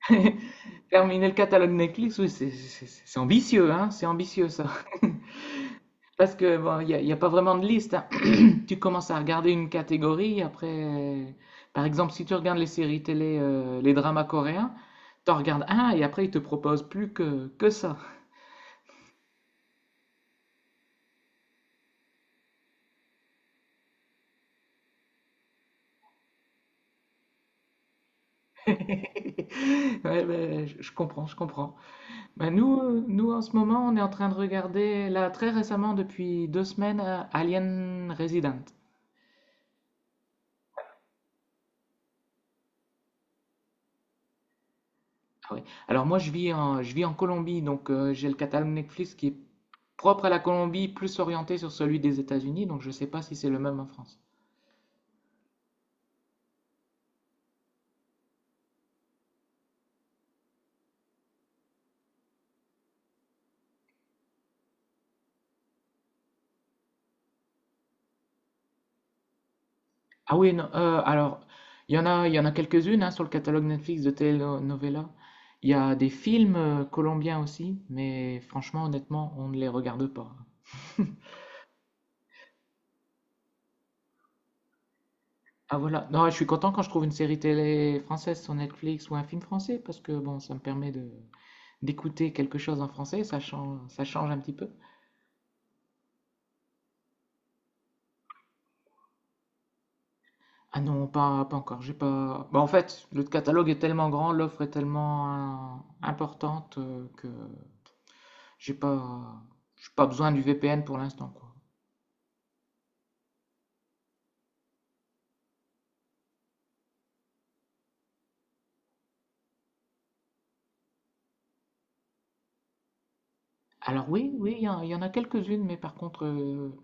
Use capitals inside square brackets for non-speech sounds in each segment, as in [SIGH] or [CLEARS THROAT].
[LAUGHS] Terminer le catalogue Netflix, oui, c'est ambitieux, hein, c'est ambitieux ça. [LAUGHS] Parce que bon, il y a pas vraiment de liste, hein. [CLEARS THROAT] Tu commences à regarder une catégorie, après, par exemple, si tu regardes les séries télé, les dramas coréens, t'en regardes un et après ils te proposent plus que ça. [LAUGHS] Ouais, ben, je comprends, je comprends. Ben, nous, nous, en ce moment, on est en train de regarder, là, très récemment, depuis 2 semaines, Alien Resident. Ah oui. Alors moi je vis en Colombie, donc j'ai le catalogue Netflix qui est propre à la Colombie, plus orienté sur celui des États-Unis, donc je ne sais pas si c'est le même en France. Ah oui, non, alors il y en a quelques-unes, hein, sur le catalogue Netflix de telenovela. Il y a des films colombiens aussi, mais franchement, honnêtement, on ne les regarde pas. Ah voilà, non, je suis content quand je trouve une série télé française sur Netflix ou un film français, parce que bon, ça me permet de d'écouter quelque chose en français, ça change un petit peu. Ah non, pas encore. J'ai pas. Bah, en fait, le catalogue est tellement grand, l'offre est tellement importante, que j'ai pas, j'ai pas besoin du VPN pour l'instant, quoi. Alors oui, oui, il y en a quelques-unes, mais par contre,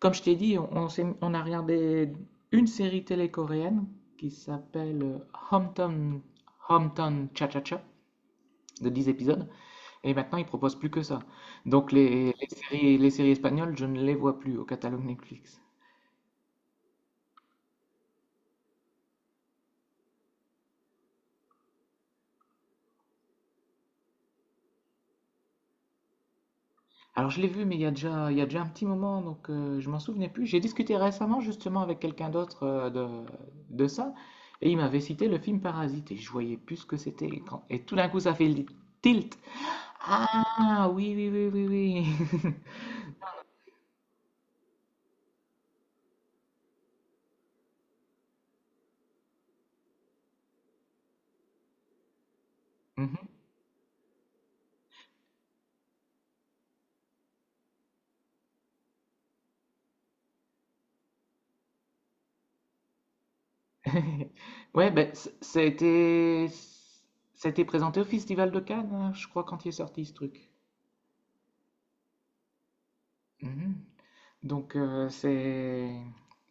comme je t'ai dit, on a regardé une série télé coréenne qui s'appelle Hometown, Hometown Cha-Cha-Cha de 10 épisodes, et maintenant ils proposent plus que ça. Donc les séries espagnoles, je ne les vois plus au catalogue Netflix. Alors je l'ai vu, mais il y a déjà un petit moment, donc je m'en souvenais plus. J'ai discuté récemment justement avec quelqu'un d'autre, de ça, et il m'avait cité le film Parasite, et je voyais plus ce que c'était. Et tout d'un coup, ça fait le tilt. Ah oui, oui, oui, oui, oui. [LAUGHS] Mhm. [LAUGHS] Ouais, ben ça a été présenté au Festival de Cannes, hein, je crois, quand il est sorti ce truc. Mhm. Donc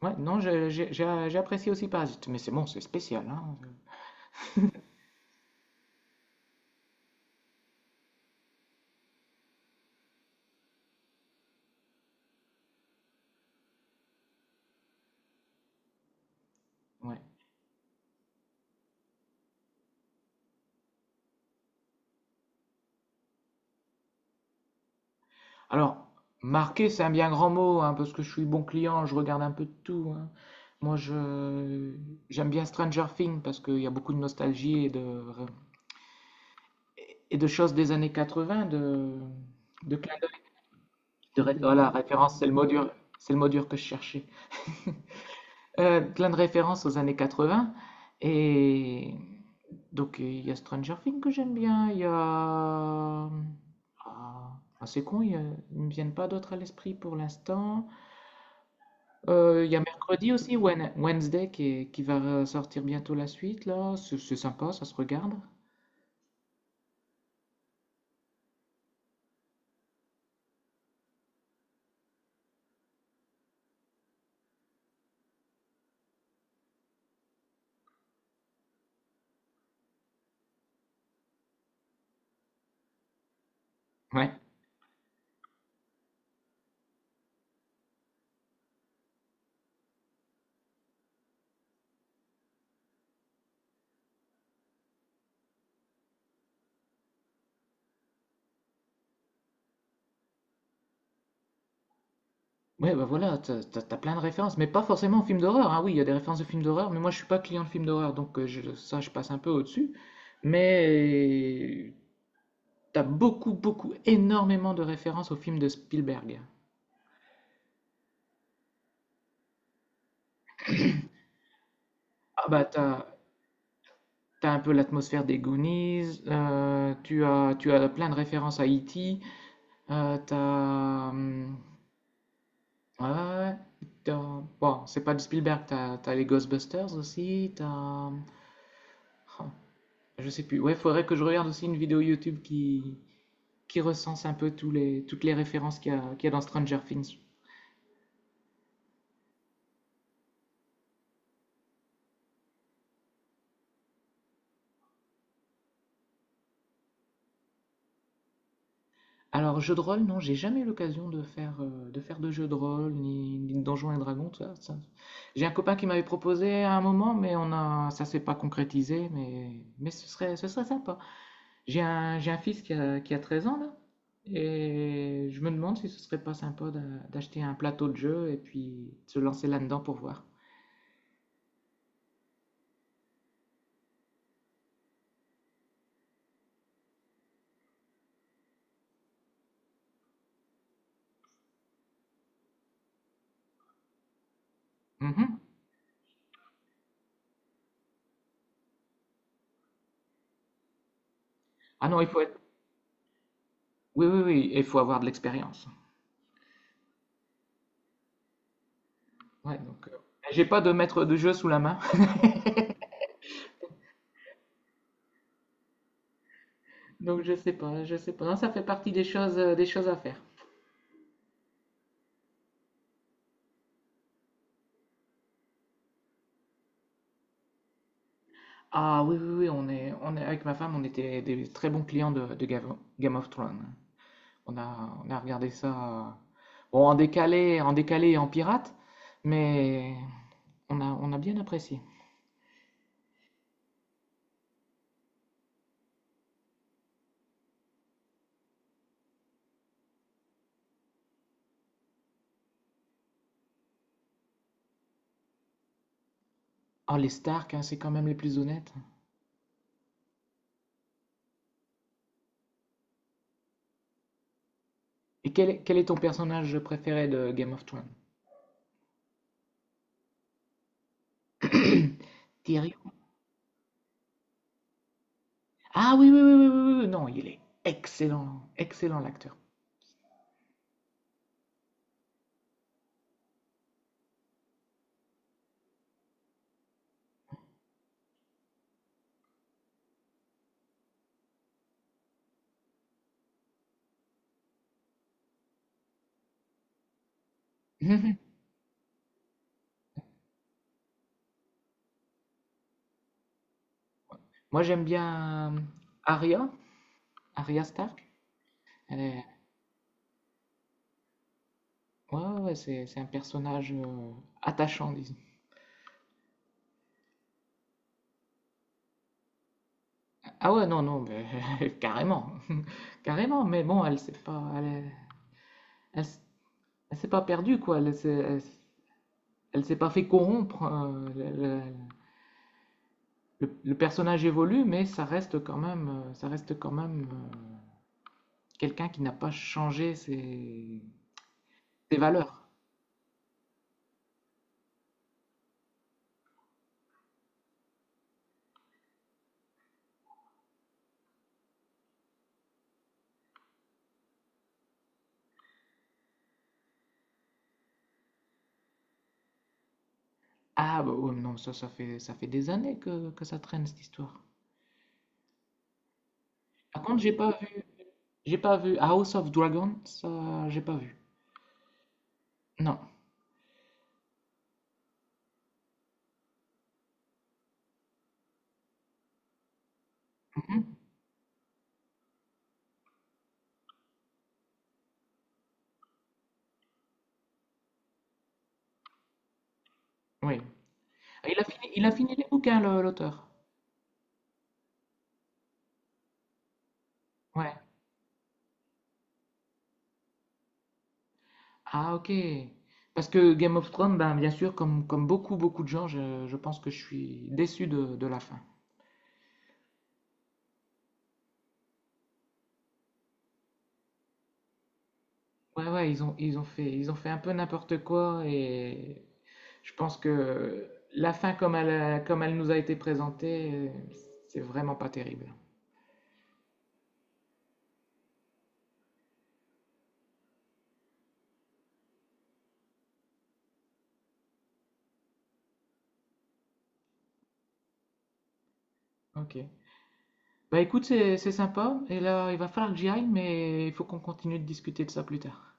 ouais, non, j'ai apprécié aussi Parasite, mais c'est bon, c'est spécial, hein. Ouais. Alors, marquer, c'est un bien grand mot, hein, parce que je suis bon client, je regarde un peu de tout, hein. Moi, je j'aime bien Stranger Things parce qu'il y a beaucoup de nostalgie et de choses des années 80, de clin d'œil, voilà, référence, c'est le mot dur, c'est le mot dur que je cherchais. [LAUGHS] Plein de références aux années 80, et donc il y a Stranger Things que j'aime bien, il y a c'est con, ils ne me viennent pas d'autres à l'esprit pour l'instant. Il y a Mercredi aussi, Wednesday, qui va sortir bientôt la suite, là. C'est sympa, ça se regarde. Ouais. Ouais, bah voilà, t'as plein de références, mais pas forcément films d'horreur, hein. Oui, il y a des références de films d'horreur, mais moi je suis pas client de films d'horreur, donc ça je passe un peu au-dessus. Mais t'as beaucoup, beaucoup, énormément de références aux films de Spielberg. Ah bah t'as un peu l'atmosphère des Goonies, tu as plein de références à E.T., euh, t'as, hum, Ouais, ouais, ouais. Bon, c'est pas du Spielberg, t'as les Ghostbusters aussi. Oh, je sais plus. Ouais, faudrait que je regarde aussi une vidéo YouTube qui recense un peu toutes les références qu'il y a dans Stranger Things. Alors, jeu de rôle, non, j'ai jamais eu l'occasion de faire de jeu de rôle, ni de Donjons et Dragons, tout ça, ça. J'ai un copain qui m'avait proposé à un moment, mais ça s'est pas concrétisé, mais ce serait sympa. J'ai un fils qui a 13 ans là, et je me demande si ce serait pas sympa d'acheter un plateau de jeu et puis de se lancer là-dedans pour voir. Mhm. Ah non, il faut être. Oui, oui, oui, il faut avoir de l'expérience. Ouais, donc j'ai pas de maître de jeu sous la main, [LAUGHS] donc je sais pas, je sais pas. Non, ça fait partie des choses à faire. Ah oui, oui, oui, on est avec ma femme, on était des très bons clients de Game of Thrones. On a regardé ça, bon, en décalé et en pirate, mais on a bien apprécié. Oh, les Stark, hein, c'est quand même les plus honnêtes. Et quel est ton personnage préféré de Game of Thrones? [COUGHS] Tyrion. Ah oui, oui, oui, oui, oui, oui, non, il est excellent, excellent l'acteur. [LAUGHS] Moi, j'aime bien Arya, Arya Stark. Elle est- Ouais, ouais, ouais, c'est un personnage attachant, disons. Ah ouais, non, non, mais [LAUGHS] carrément, [LAUGHS] carrément. Mais bon, elle, s- elle s'est pas perdue quoi. Elle s'est pas fait corrompre. Le personnage évolue, mais ça reste quand même quelqu'un qui n'a pas changé ses valeurs. Ah bah ouais, non, ça fait des années que ça traîne cette histoire. Par contre, j'ai pas vu House of Dragon, ça, j'ai pas vu. Non. Mhm. Oui. Il a fini les bouquins, l'auteur. Ouais. Ah, ok. Parce que Game of Thrones, ben, bien sûr, comme beaucoup, beaucoup de gens, je pense que je suis déçu de la fin. Ouais, ouais, ils ont fait un peu n'importe quoi, et je pense que la fin, comme elle nous a été présentée, c'est vraiment pas terrible. Ok. Bah écoute, c'est sympa et là, il va falloir que j'y aille, mais il faut qu'on continue de discuter de ça plus tard.